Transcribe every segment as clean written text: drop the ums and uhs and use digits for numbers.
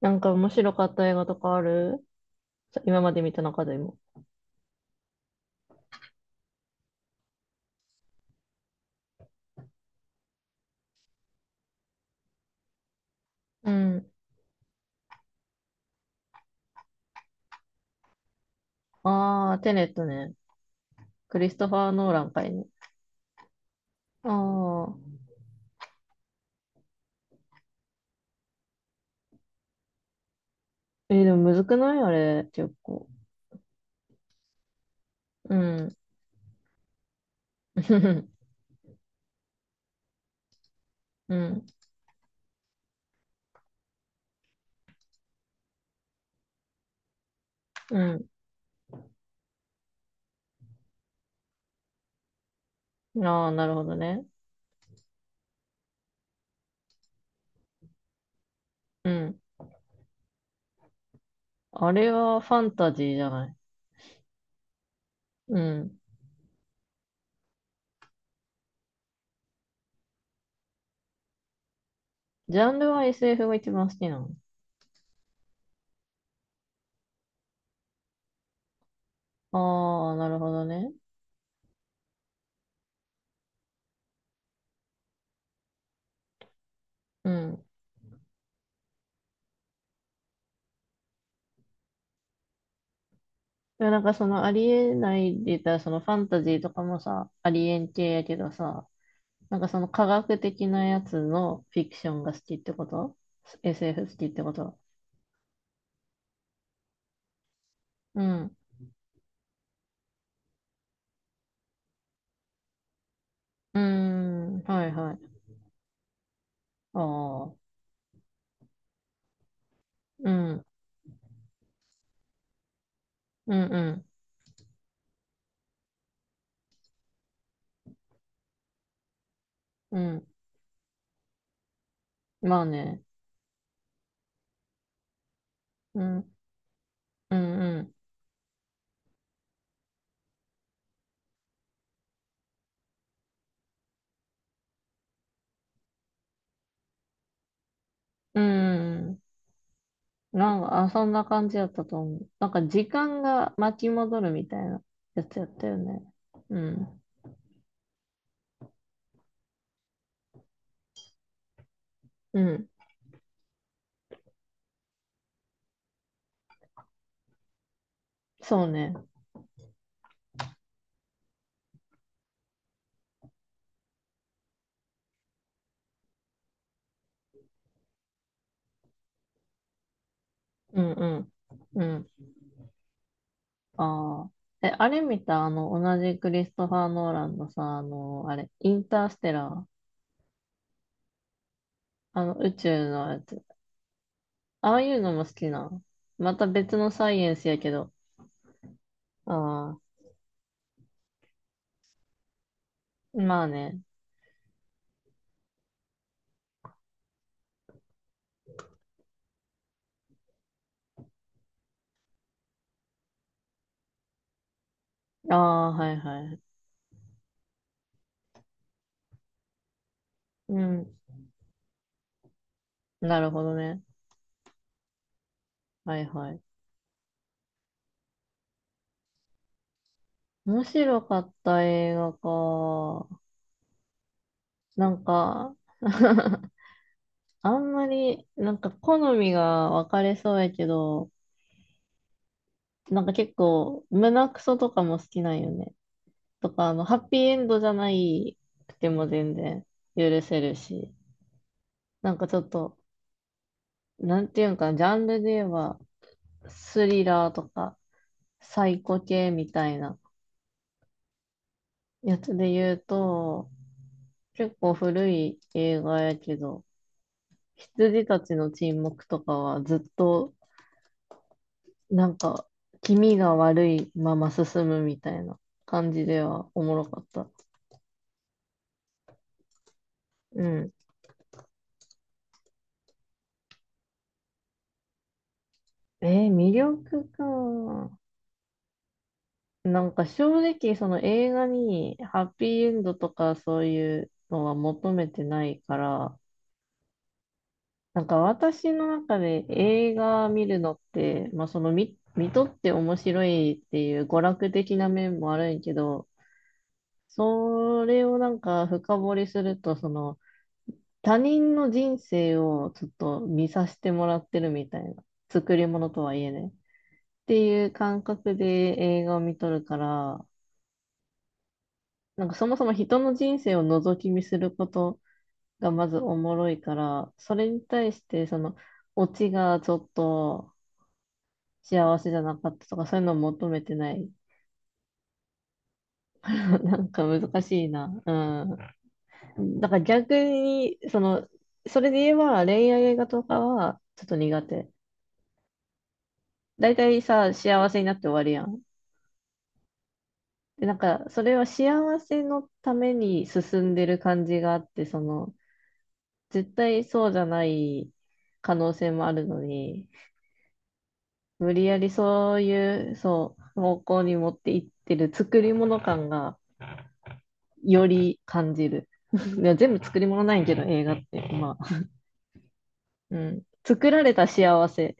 なんか面白かった映画とかあるさ今まで見た中でも。うん。ああ、テネットね。クリストファー・ノーランかいね。ああ。でもむずくないあれ、結構。うん。うん。うん。ああ、なるほどね。うん。あれはファンタジーじゃない。うん。ジャンルは SF が一番好きなの。ああ、なるほどね。うん。でもなんかそのありえないで言ったら、そのファンタジーとかもさ、ありえん系やけどさ、なんかその科学的なやつのフィクションが好きってこと？ SF 好きってことうん。うーん。はいはい。ああ。うん。うんうん。うん。まあね。うん。うんうん。うん。なんか、そんな感じやったと思う。なんか時間が巻き戻るみたいなやつやったよね。うん。うん。そうね。うんうん。うん。ああ。え、あれ見た、同じクリストファー・ノーランのさ、あの、あれ、インターステラー、宇宙のやつ。ああいうのも好きな。また別のサイエンスやけど。ああ、まあね。ああ、はいはい。うん、なるほどね。はいはい。面白かった映画か。なんか、あんまり、なんか好みが分かれそうやけど、なんか結構、胸クソとかも好きなんよね。とか、あの、ハッピーエンドじゃないくても全然許せるし、なんかちょっと、なんていうんかな、ジャンルで言えば、スリラーとか、サイコ系みたいなやつで言うと、結構古い映画やけど、羊たちの沈黙とかはずっと、なんか、気味が悪いまま進むみたいな感じではおもろかった。うん。魅力か。なんか正直その映画にハッピーエンドとかそういうのは求めてないから、なんか私の中で映画見るのって、まあその見とって面白いっていう娯楽的な面もあるんやけど、それをなんか深掘りすると、その他人の人生をちょっと見させてもらってるみたいな、作り物とはいえね。っていう感覚で映画を見とるから、なんかそもそも人の人生を覗き見することがまずおもろいから、それに対してそのオチがちょっと幸せじゃなかったとかそういうのを求めてない。なんか難しいな。うん。だから逆に、その、それで言えば恋愛映画とかはちょっと苦手。大体さ、幸せになって終わりやん。で、なんかそれは幸せのために進んでる感じがあって、その、絶対そうじゃない可能性もあるのに、無理やりそういう、そう、方向に持っていってる作り物感がより感じる。いや、全部作り物ないけど、映画って。まあ、うん。作られた幸せ。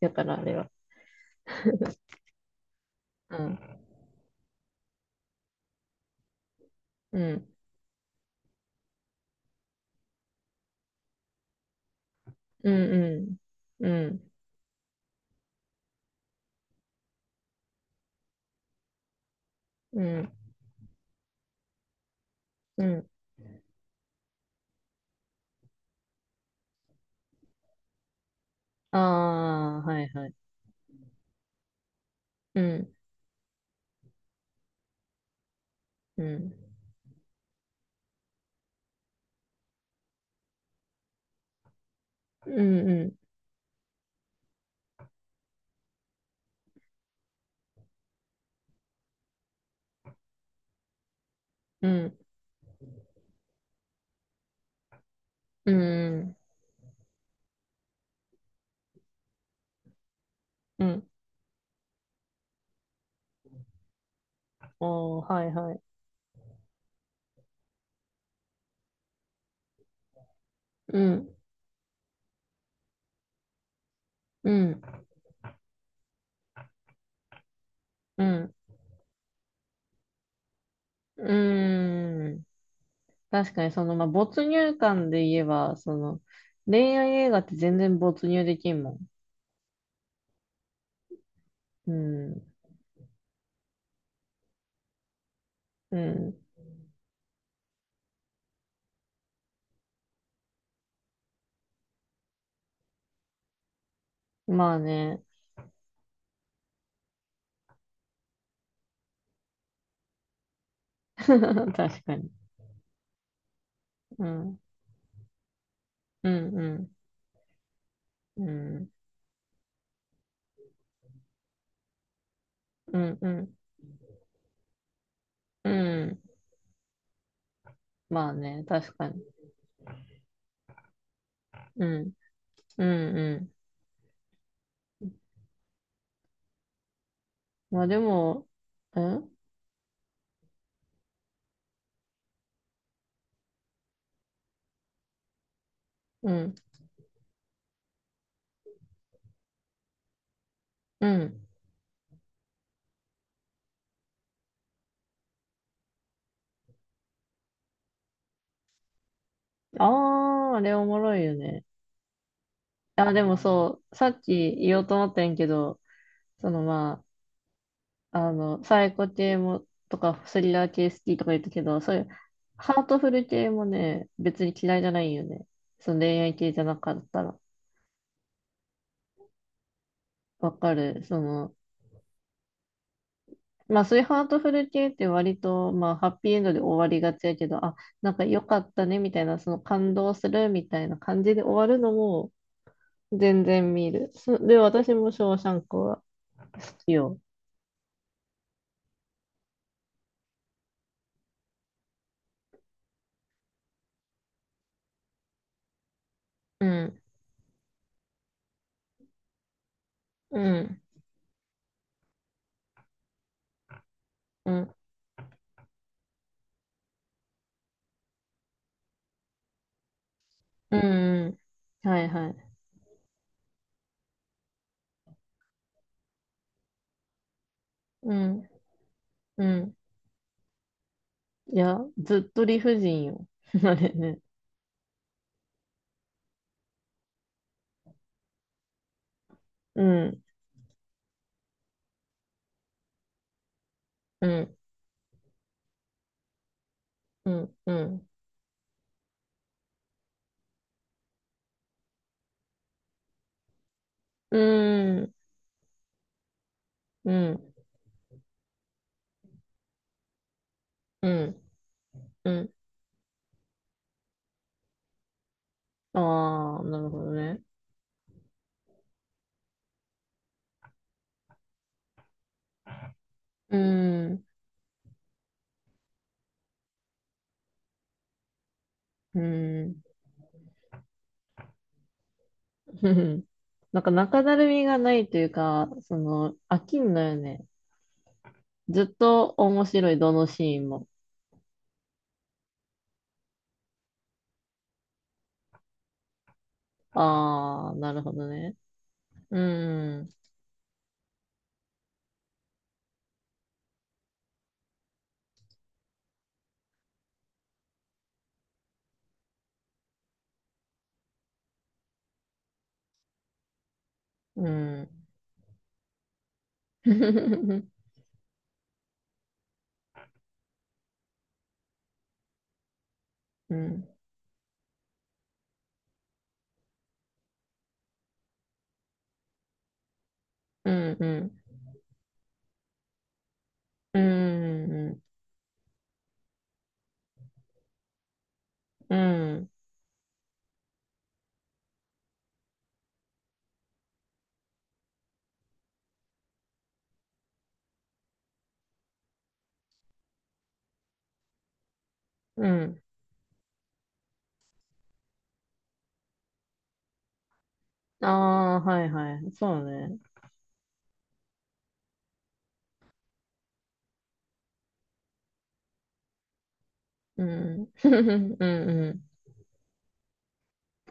だから、あれは。うん。うん。うん。うん。うん。うん。ああー、はいはい。うん。うん。うん。うん。うん。うん。うん。おー、はいはい。うん。うん。うん。うん。確かに、その、まあ、没入感で言えば、その、恋愛映画って全然没入できんもん。うん。うん。まあね。確かに。うん。うん、うん。うん。うん、うん。うんまあね。確かに。うん。うん、うん。まあでも、うんうん。うん。ああ、あれおもろいよね。あ、でもそう、さっき言おうと思ったんやけど、そのまあ、サイコ系も、スリラー系好きとか言ったけど、そういう、ハートフル系もね、別に嫌いじゃないよね。その恋愛系じゃなかったら。わかる。その、まあそういうハートフル系って割と、まあハッピーエンドで終わりがちやけど、あ、なんか良かったねみたいな、その感動するみたいな感じで終わるのも全然見る。そで、私もショーシャンクは好きよ。うん、うん、うん、うん、うんはいはい。うん、うん。いや、ずっと理不尽よ。あれね。うん、うん、うん、うん。うん、うん、うん、うん。ああ、なるほどね。うん、うん。ふふなんか中だるみがないというか、その、飽きんのよね。ずっと面白い、どのシーンも。ああ、なるほどね。うん、うん。うん、うん、うん、うん、うん、うん。うんああ、はいはい。そうね。うん。うんうん。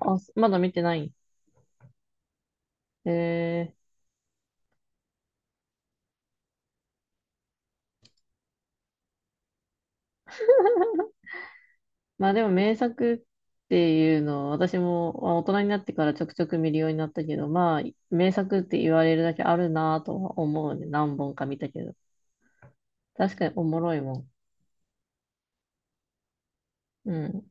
あ、すまだ見てない。ええまあでも名作っていうのは私もまあ大人になってからちょくちょく見るようになったけど、まあ名作って言われるだけあるなぁとは思うね。何本か見たけど。確かにおもろいもん。うん。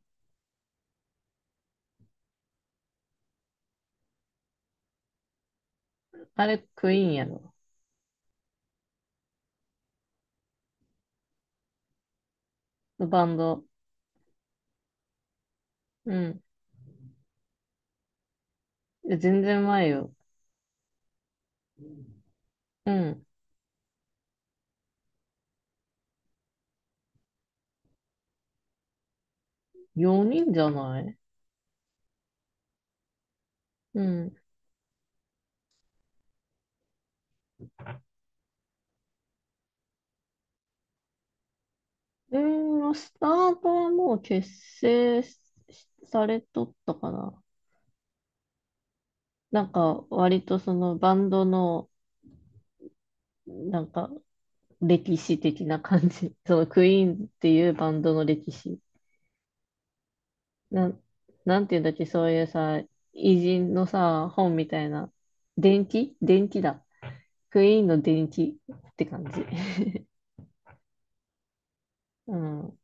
あれクイーンやろ。バンド。うん。いや全然前よ。うん。4人じゃないうん。うーん、スタートはもう結成されとったかな。なんか、割とそのバンドの、なんか、歴史的な感じ。そのクイーンっていうバンドの歴史。なん、なんていうんだっけ、そういうさ、偉人のさ、本みたいな。伝記だ。クイーンの伝記って感じ。うん、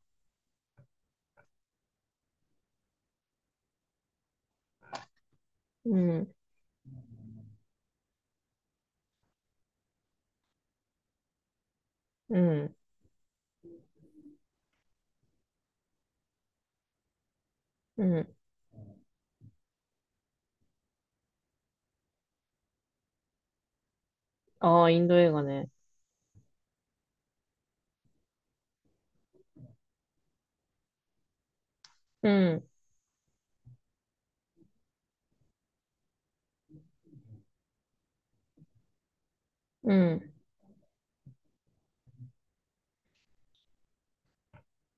うん、うん、うん。ああ、インド映画ね。うん、うん。